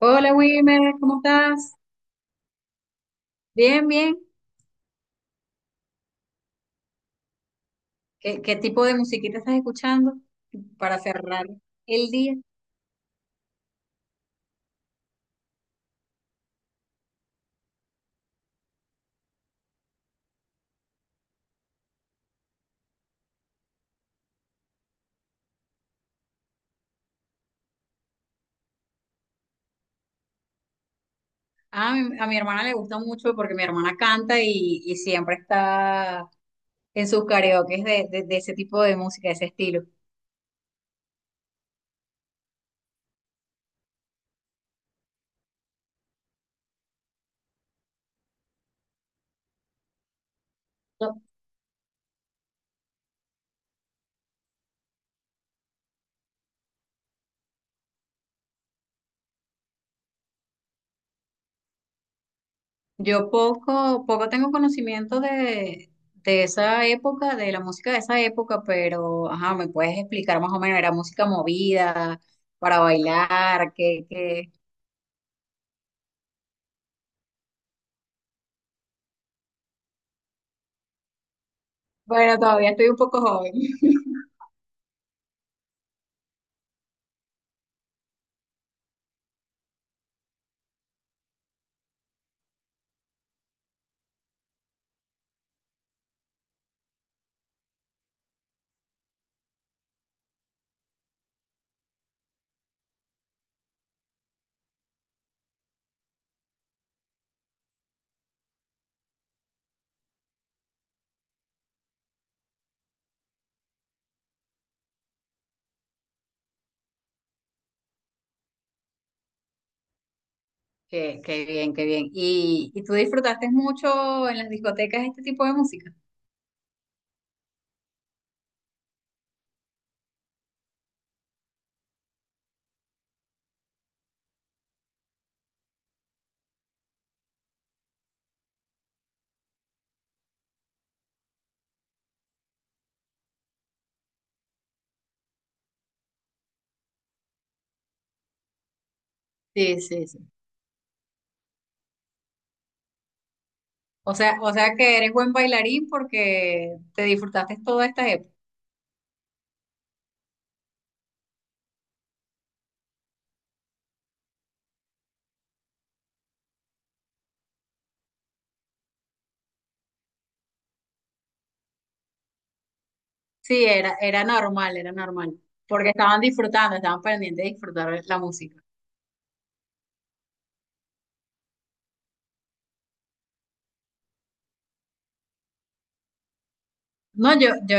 Hola Wilmer, ¿cómo estás? Bien, bien. ¿Qué tipo de musiquita estás escuchando para cerrar el día? Ah, a mi hermana le gusta mucho porque mi hermana canta y siempre está en sus karaoke de ese tipo de música, de ese estilo. No. Yo poco tengo conocimiento de esa época, de la música de esa época, pero ajá, ¿me puedes explicar más o menos? ¿Era música movida para bailar? Qué qué. Bueno, todavía estoy un poco joven. Qué bien, qué bien. ¿Y tú disfrutaste mucho en las discotecas este tipo de música? Sí, sí, sí. O sea que eres buen bailarín porque te disfrutaste toda esta época. Sí, era normal, era normal. Porque estaban disfrutando, estaban pendientes de disfrutar la música. No, yo, yo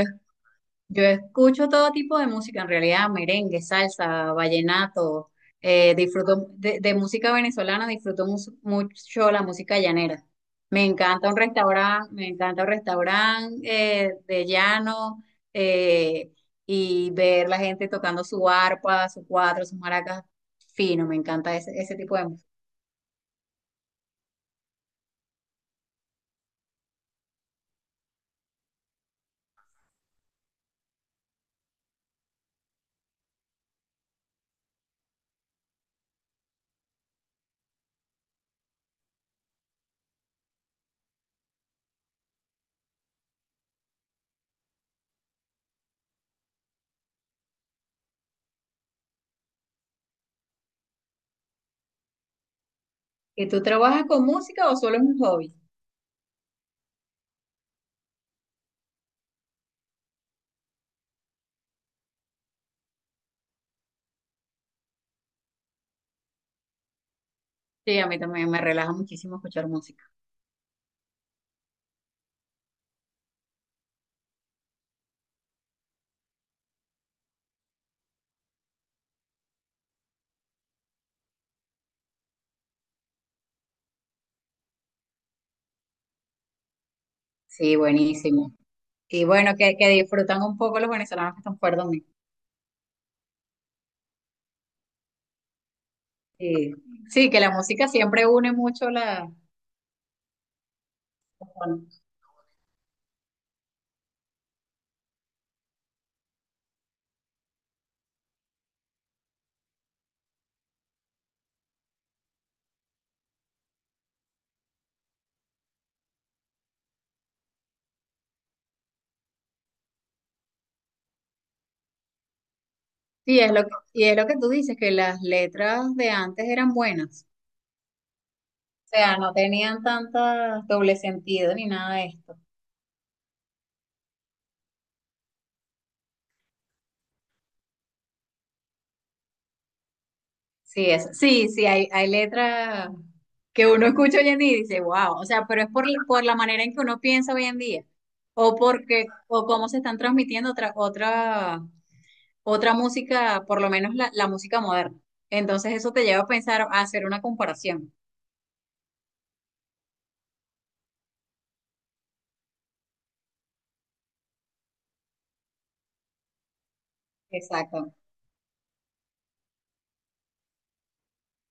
Yo escucho todo tipo de música, en realidad, merengue, salsa, vallenato, disfruto de música venezolana, disfruto mucho la música llanera. Me encanta un restaurante de llano eh, y ver la gente tocando su arpa, su cuatro, sus maracas, fino, me encanta ese tipo de música. ¿Y tú trabajas con música o solo es un hobby? Sí, a mí también me relaja muchísimo escuchar música. Sí, buenísimo. Y bueno, que disfrutan un poco los venezolanos que están fuera domingo. Y, sí, que la música siempre une mucho bueno, y es lo que tú dices, que las letras de antes eran buenas. O sea, no tenían tanta doble sentido ni nada de esto. Sí, sí, sí, hay letras que uno escucha hoy en día y dice, wow, o sea, pero es por la manera en que uno piensa hoy en día. O cómo se están transmitiendo otra música, por lo menos la música moderna. Entonces eso te lleva a pensar, a hacer una comparación. Exacto.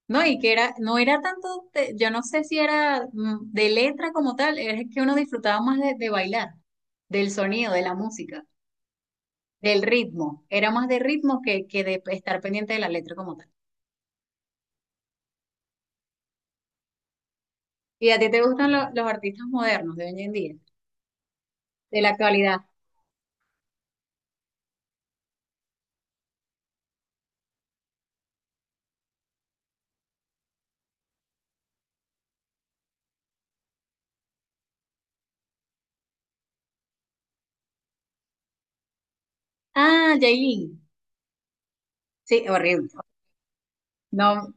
No, y que no era tanto, yo no sé si era de letra como tal, es que uno disfrutaba más de bailar, del sonido, de la música, del ritmo. Era más de ritmo que de estar pendiente de la letra como tal. ¿Y a ti te gustan los artistas modernos de hoy en día, de la actualidad? Ah, Yailin. Sí, horrible. No,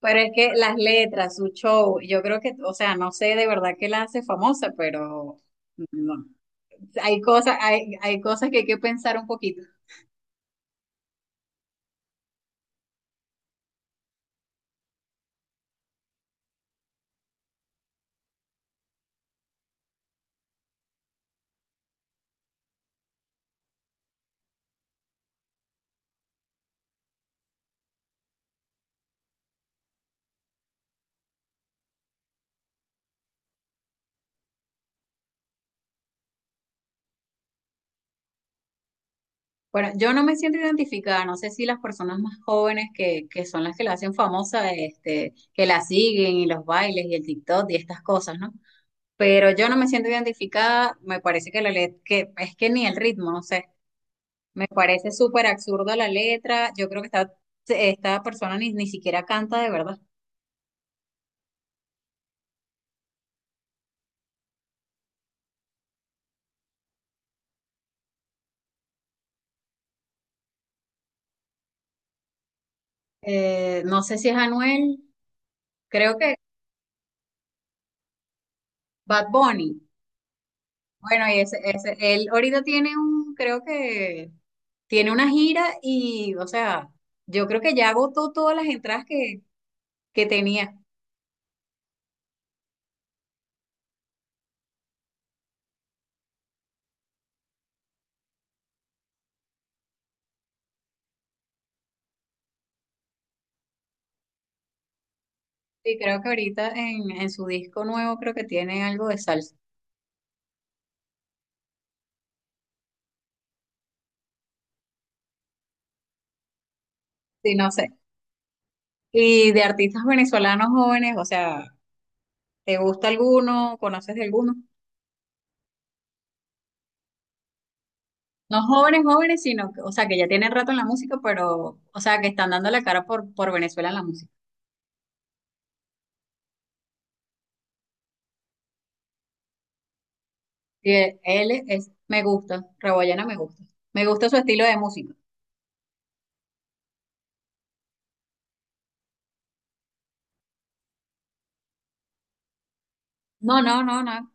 pero es que las letras, su show, yo creo que, o sea, no sé de verdad qué la hace famosa, pero no. Hay cosas, hay cosas que hay que pensar un poquito. Bueno, yo no me siento identificada, no sé si las personas más jóvenes que son las que la hacen famosa, que la siguen y los bailes y el TikTok y estas cosas, ¿no? Pero yo no me siento identificada, me parece que la letra, que es que ni el ritmo, no sé, me parece súper absurda la letra, yo creo que esta persona ni siquiera canta de verdad. No sé si es Anuel, creo que Bad Bunny. Bueno, y él ahorita tiene creo que tiene una gira y, o sea, yo creo que ya agotó todas las entradas que tenía. Y creo que ahorita en su disco nuevo creo que tiene algo de salsa. Sí, no sé. Y de artistas venezolanos jóvenes, o sea, ¿te gusta alguno? ¿Conoces de alguno? No jóvenes, jóvenes, sino, o sea, que ya tienen rato en la música, pero, o sea, que están dando la cara por Venezuela en la música. Y él me gusta, Raboyana me gusta. Me gusta su estilo de música. No, no, no, no.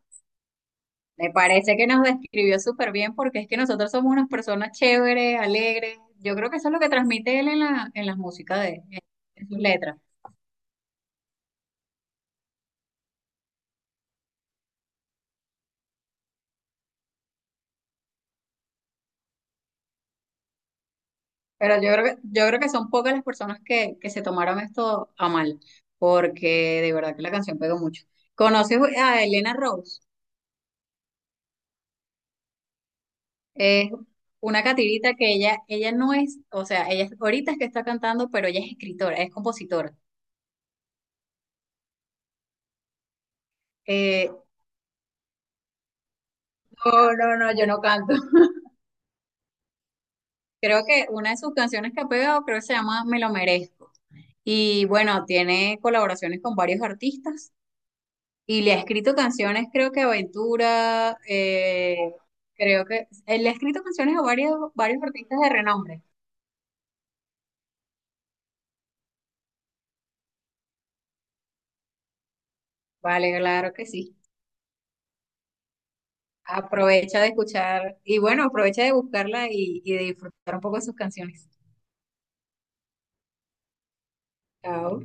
Me parece que nos describió súper bien porque es que nosotros somos unas personas chéveres, alegres. Yo creo que eso es lo que transmite él en las músicas en sus letras. Pero yo creo que son pocas las personas que se tomaron esto a mal, porque de verdad que la canción pegó mucho. ¿Conoces a Elena Rose? Es una catirita que ella no es, o sea, ella ahorita es que está cantando, pero ella es escritora, es compositora. Eh, no, no, no, yo no canto. Creo que una de sus canciones que ha pegado, creo que se llama Me lo merezco. Y bueno, tiene colaboraciones con varios artistas y le ha escrito canciones, creo que a Ventura, creo que él le ha escrito canciones a varios, varios artistas de renombre. Vale, claro que sí. Aprovecha de escuchar y bueno, aprovecha de buscarla y de disfrutar un poco de sus canciones. Chao.